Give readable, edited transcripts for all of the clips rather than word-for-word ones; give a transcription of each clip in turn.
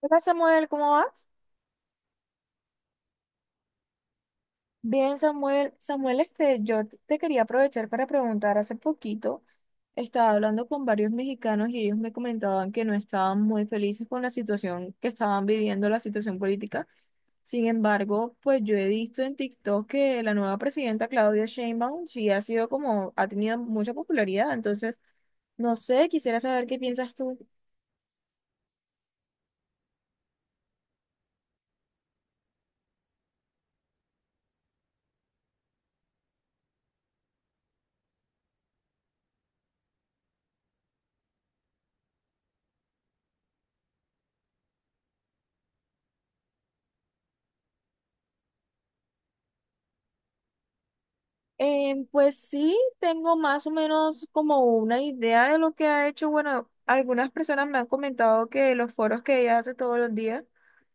Hola Samuel, ¿cómo vas? Bien, Samuel. Samuel, yo te quería aprovechar para preguntar. Hace poquito estaba hablando con varios mexicanos y ellos me comentaban que no estaban muy felices con la situación que estaban viviendo, la situación política. Sin embargo, pues yo he visto en TikTok que la nueva presidenta Claudia Sheinbaum sí ha sido como, ha tenido mucha popularidad. Entonces, no sé, quisiera saber qué piensas tú. Pues sí, tengo más o menos como una idea de lo que ha hecho. Bueno, algunas personas me han comentado que los foros que ella hace todos los días,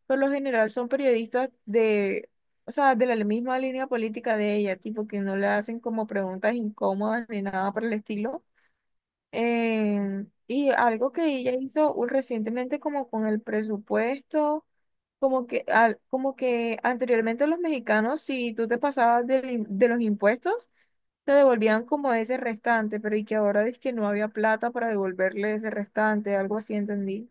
por lo general son periodistas de, o sea, de la misma línea política de ella, tipo que no le hacen como preguntas incómodas ni nada por el estilo, y algo que ella hizo recientemente como con el presupuesto, como que anteriormente los mexicanos, si tú te pasabas de los impuestos, te devolvían como ese restante, pero y que ahora dice que no había plata para devolverle ese restante, algo así entendí.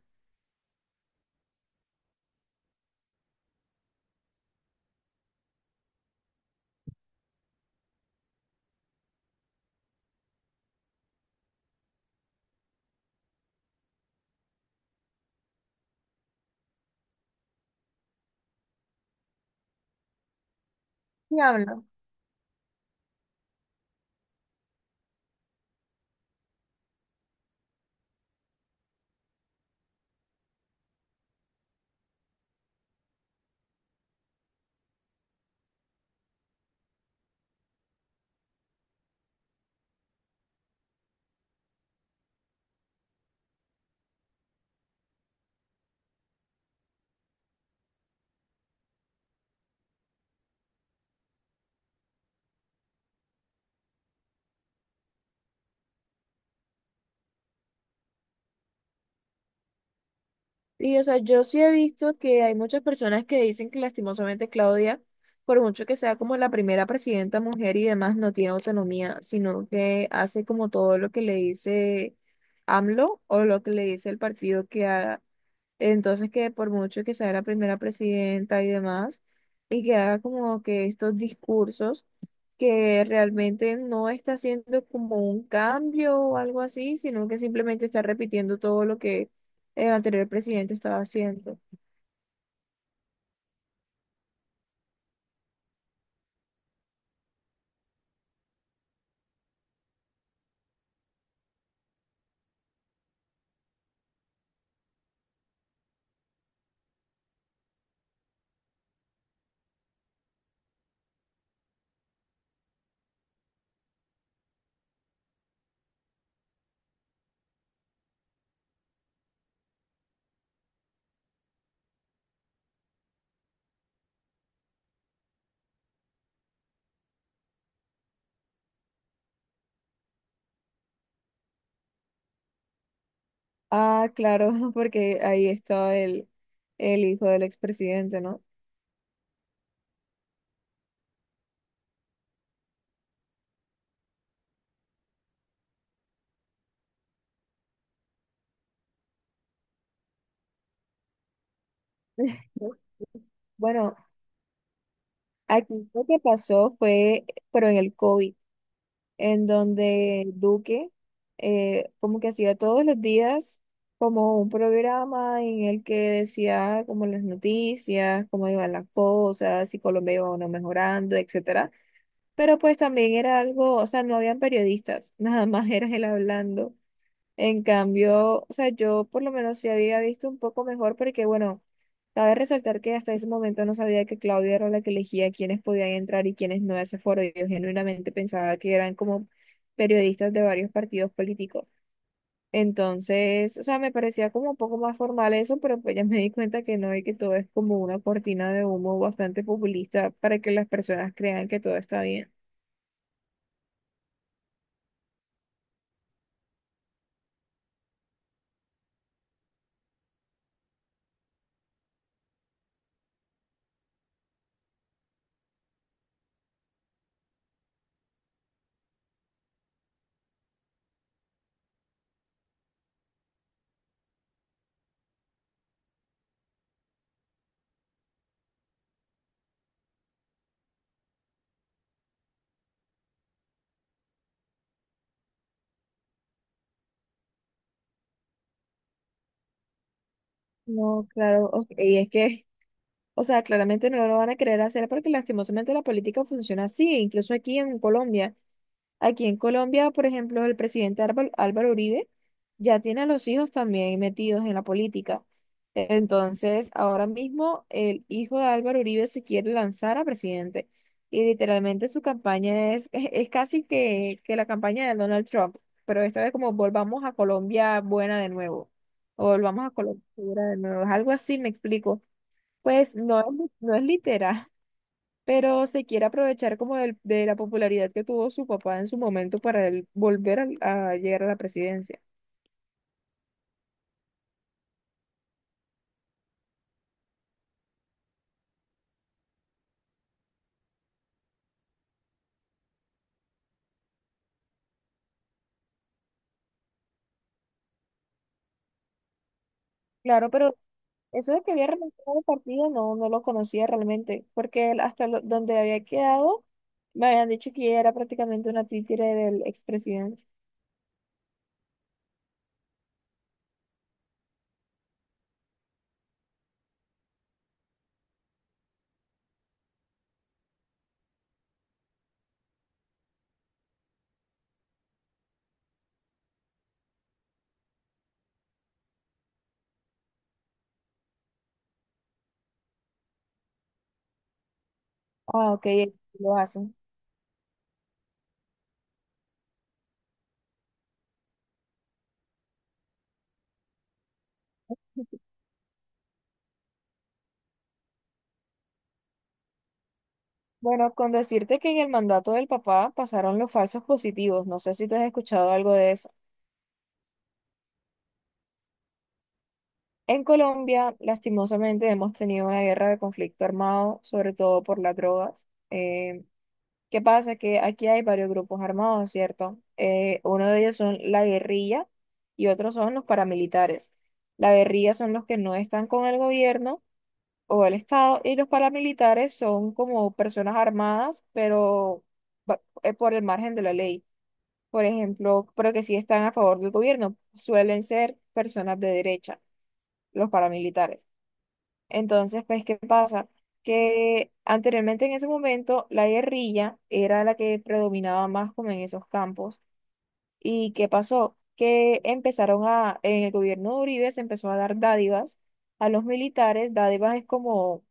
¿Qué habla? Y, o sea, yo sí he visto que hay muchas personas que dicen que lastimosamente Claudia, por mucho que sea como la primera presidenta mujer y demás, no tiene autonomía, sino que hace como todo lo que le dice AMLO o lo que le dice el partido que haga, entonces, que por mucho que sea la primera presidenta y demás, y que haga como que estos discursos, que realmente no está haciendo como un cambio o algo así, sino que simplemente está repitiendo todo lo que el anterior presidente estaba haciendo. Ah, claro, porque ahí estaba el hijo del expresidente, ¿no? Bueno, aquí lo que pasó fue, pero en el COVID, en donde Duque como que hacía todos los días como un programa en el que decía como las noticias, cómo iban las cosas, si Colombia iba o no mejorando, etcétera. Pero pues también era algo, o sea, no habían periodistas, nada más era él hablando. En cambio, o sea, yo por lo menos sí había visto un poco mejor porque, bueno, cabe resaltar que hasta ese momento no sabía que Claudia era la que elegía quiénes podían entrar y quiénes no a ese foro. Yo genuinamente pensaba que eran como periodistas de varios partidos políticos. Entonces, o sea, me parecía como un poco más formal eso, pero pues ya me di cuenta que no y que todo es como una cortina de humo bastante populista para que las personas crean que todo está bien. No, claro, ok, y es que... O sea, claramente no lo van a querer hacer porque lastimosamente la política funciona así, incluso aquí en Colombia. Aquí en Colombia, por ejemplo, el presidente Álvaro, Álvaro Uribe ya tiene a los hijos también metidos en la política. Entonces, ahora mismo el hijo de Álvaro Uribe se quiere lanzar a presidente y literalmente su campaña es casi que la campaña de Donald Trump, pero esta vez como volvamos a Colombia buena de nuevo, o volvamos a Colombia segura de nuevo, es algo así, me explico. Pues no, no es literal, pero se quiere aprovechar como de la popularidad que tuvo su papá en su momento para él llegar a la presidencia. Claro, pero eso de que había renunciado al partido no lo conocía realmente, porque él hasta donde había quedado me habían dicho que ella era prácticamente una títere del expresidente. Ah, ok, lo hacen. Bueno, con decirte que en el mandato del papá pasaron los falsos positivos, no sé si tú has escuchado algo de eso. En Colombia, lastimosamente, hemos tenido una guerra de conflicto armado, sobre todo por las drogas. ¿Qué pasa? Que aquí hay varios grupos armados, ¿cierto? Uno de ellos son la guerrilla y otros son los paramilitares. La guerrilla son los que no están con el gobierno o el Estado y los paramilitares son como personas armadas, pero por el margen de la ley. Por ejemplo, pero que sí están a favor del gobierno, suelen ser personas de derecha, los paramilitares. Entonces, pues, ¿qué pasa? Que anteriormente en ese momento la guerrilla era la que predominaba más como en esos campos. ¿Y qué pasó? Que empezaron a, en el gobierno de Uribe se empezó a dar dádivas a los militares. Dádivas es como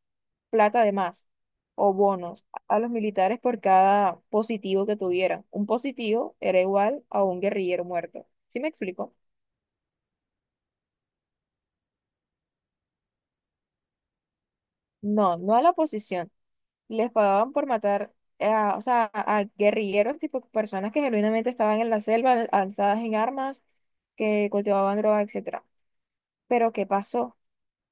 plata de más o bonos a los militares por cada positivo que tuvieran. Un positivo era igual a un guerrillero muerto. ¿Sí me explico? No, no a la oposición les pagaban por matar a, o sea, a guerrilleros, tipo personas que genuinamente estaban en la selva, alzadas en armas, que cultivaban droga, etcétera. Pero ¿qué pasó?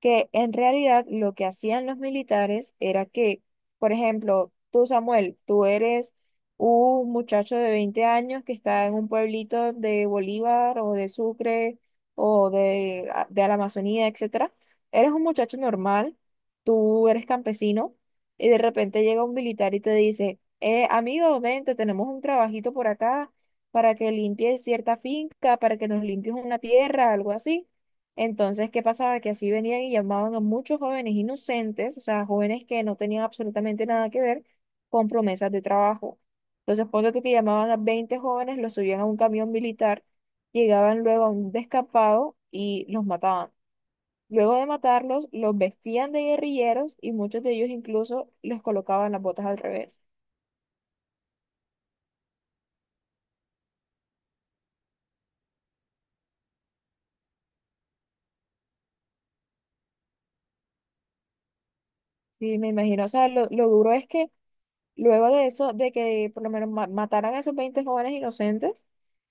Que en realidad lo que hacían los militares era que, por ejemplo, tú Samuel, tú eres un muchacho de 20 años que está en un pueblito de Bolívar o de Sucre o de la Amazonía, etcétera. Eres un muchacho normal, tú eres campesino y de repente llega un militar y te dice, amigo, vente, tenemos un trabajito por acá para que limpies cierta finca, para que nos limpies una tierra, algo así. Entonces, ¿qué pasaba? Que así venían y llamaban a muchos jóvenes inocentes, o sea, jóvenes que no tenían absolutamente nada que ver con promesas de trabajo. Entonces, ponte tú que llamaban a 20 jóvenes, los subían a un camión militar, llegaban luego a un descampado y los mataban. Luego de matarlos, los vestían de guerrilleros y muchos de ellos incluso les colocaban las botas al revés. Sí, me imagino, o sea, lo duro es que luego de eso, de que por lo menos mataran a esos 20 jóvenes inocentes,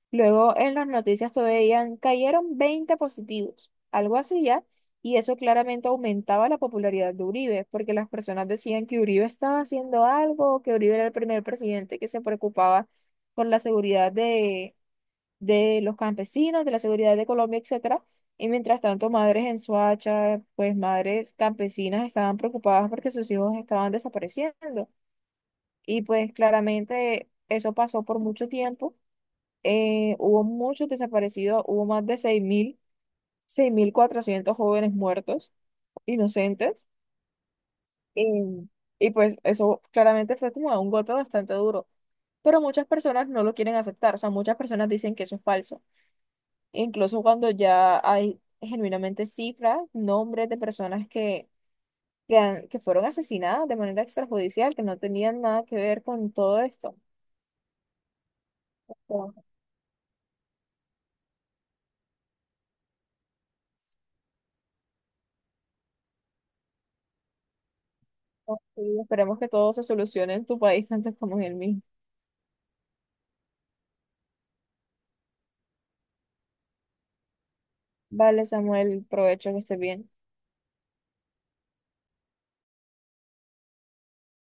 Luego en las noticias todavía cayeron 20 positivos, algo así ya, y eso claramente aumentaba la popularidad de Uribe, porque las personas decían que Uribe estaba haciendo algo, que Uribe era el primer presidente que se preocupaba por la seguridad de, los campesinos, de la seguridad de Colombia, etcétera. Y mientras tanto, madres en Soacha, pues madres campesinas estaban preocupadas porque sus hijos estaban desapareciendo. Y pues claramente eso pasó por mucho tiempo, hubo muchos desaparecidos, hubo más de seis mil cuatrocientos jóvenes muertos, inocentes, y, y pues eso claramente fue como un golpe bastante duro, pero muchas personas no lo quieren aceptar, o sea, muchas personas dicen que eso es falso, incluso cuando ya hay genuinamente cifras, nombres de personas que fueron asesinadas de manera extrajudicial, que no tenían nada que ver con todo esto. Entonces, sí, esperemos que todo se solucione en tu país antes como en el mío. Vale, Samuel, provecho que estés bien.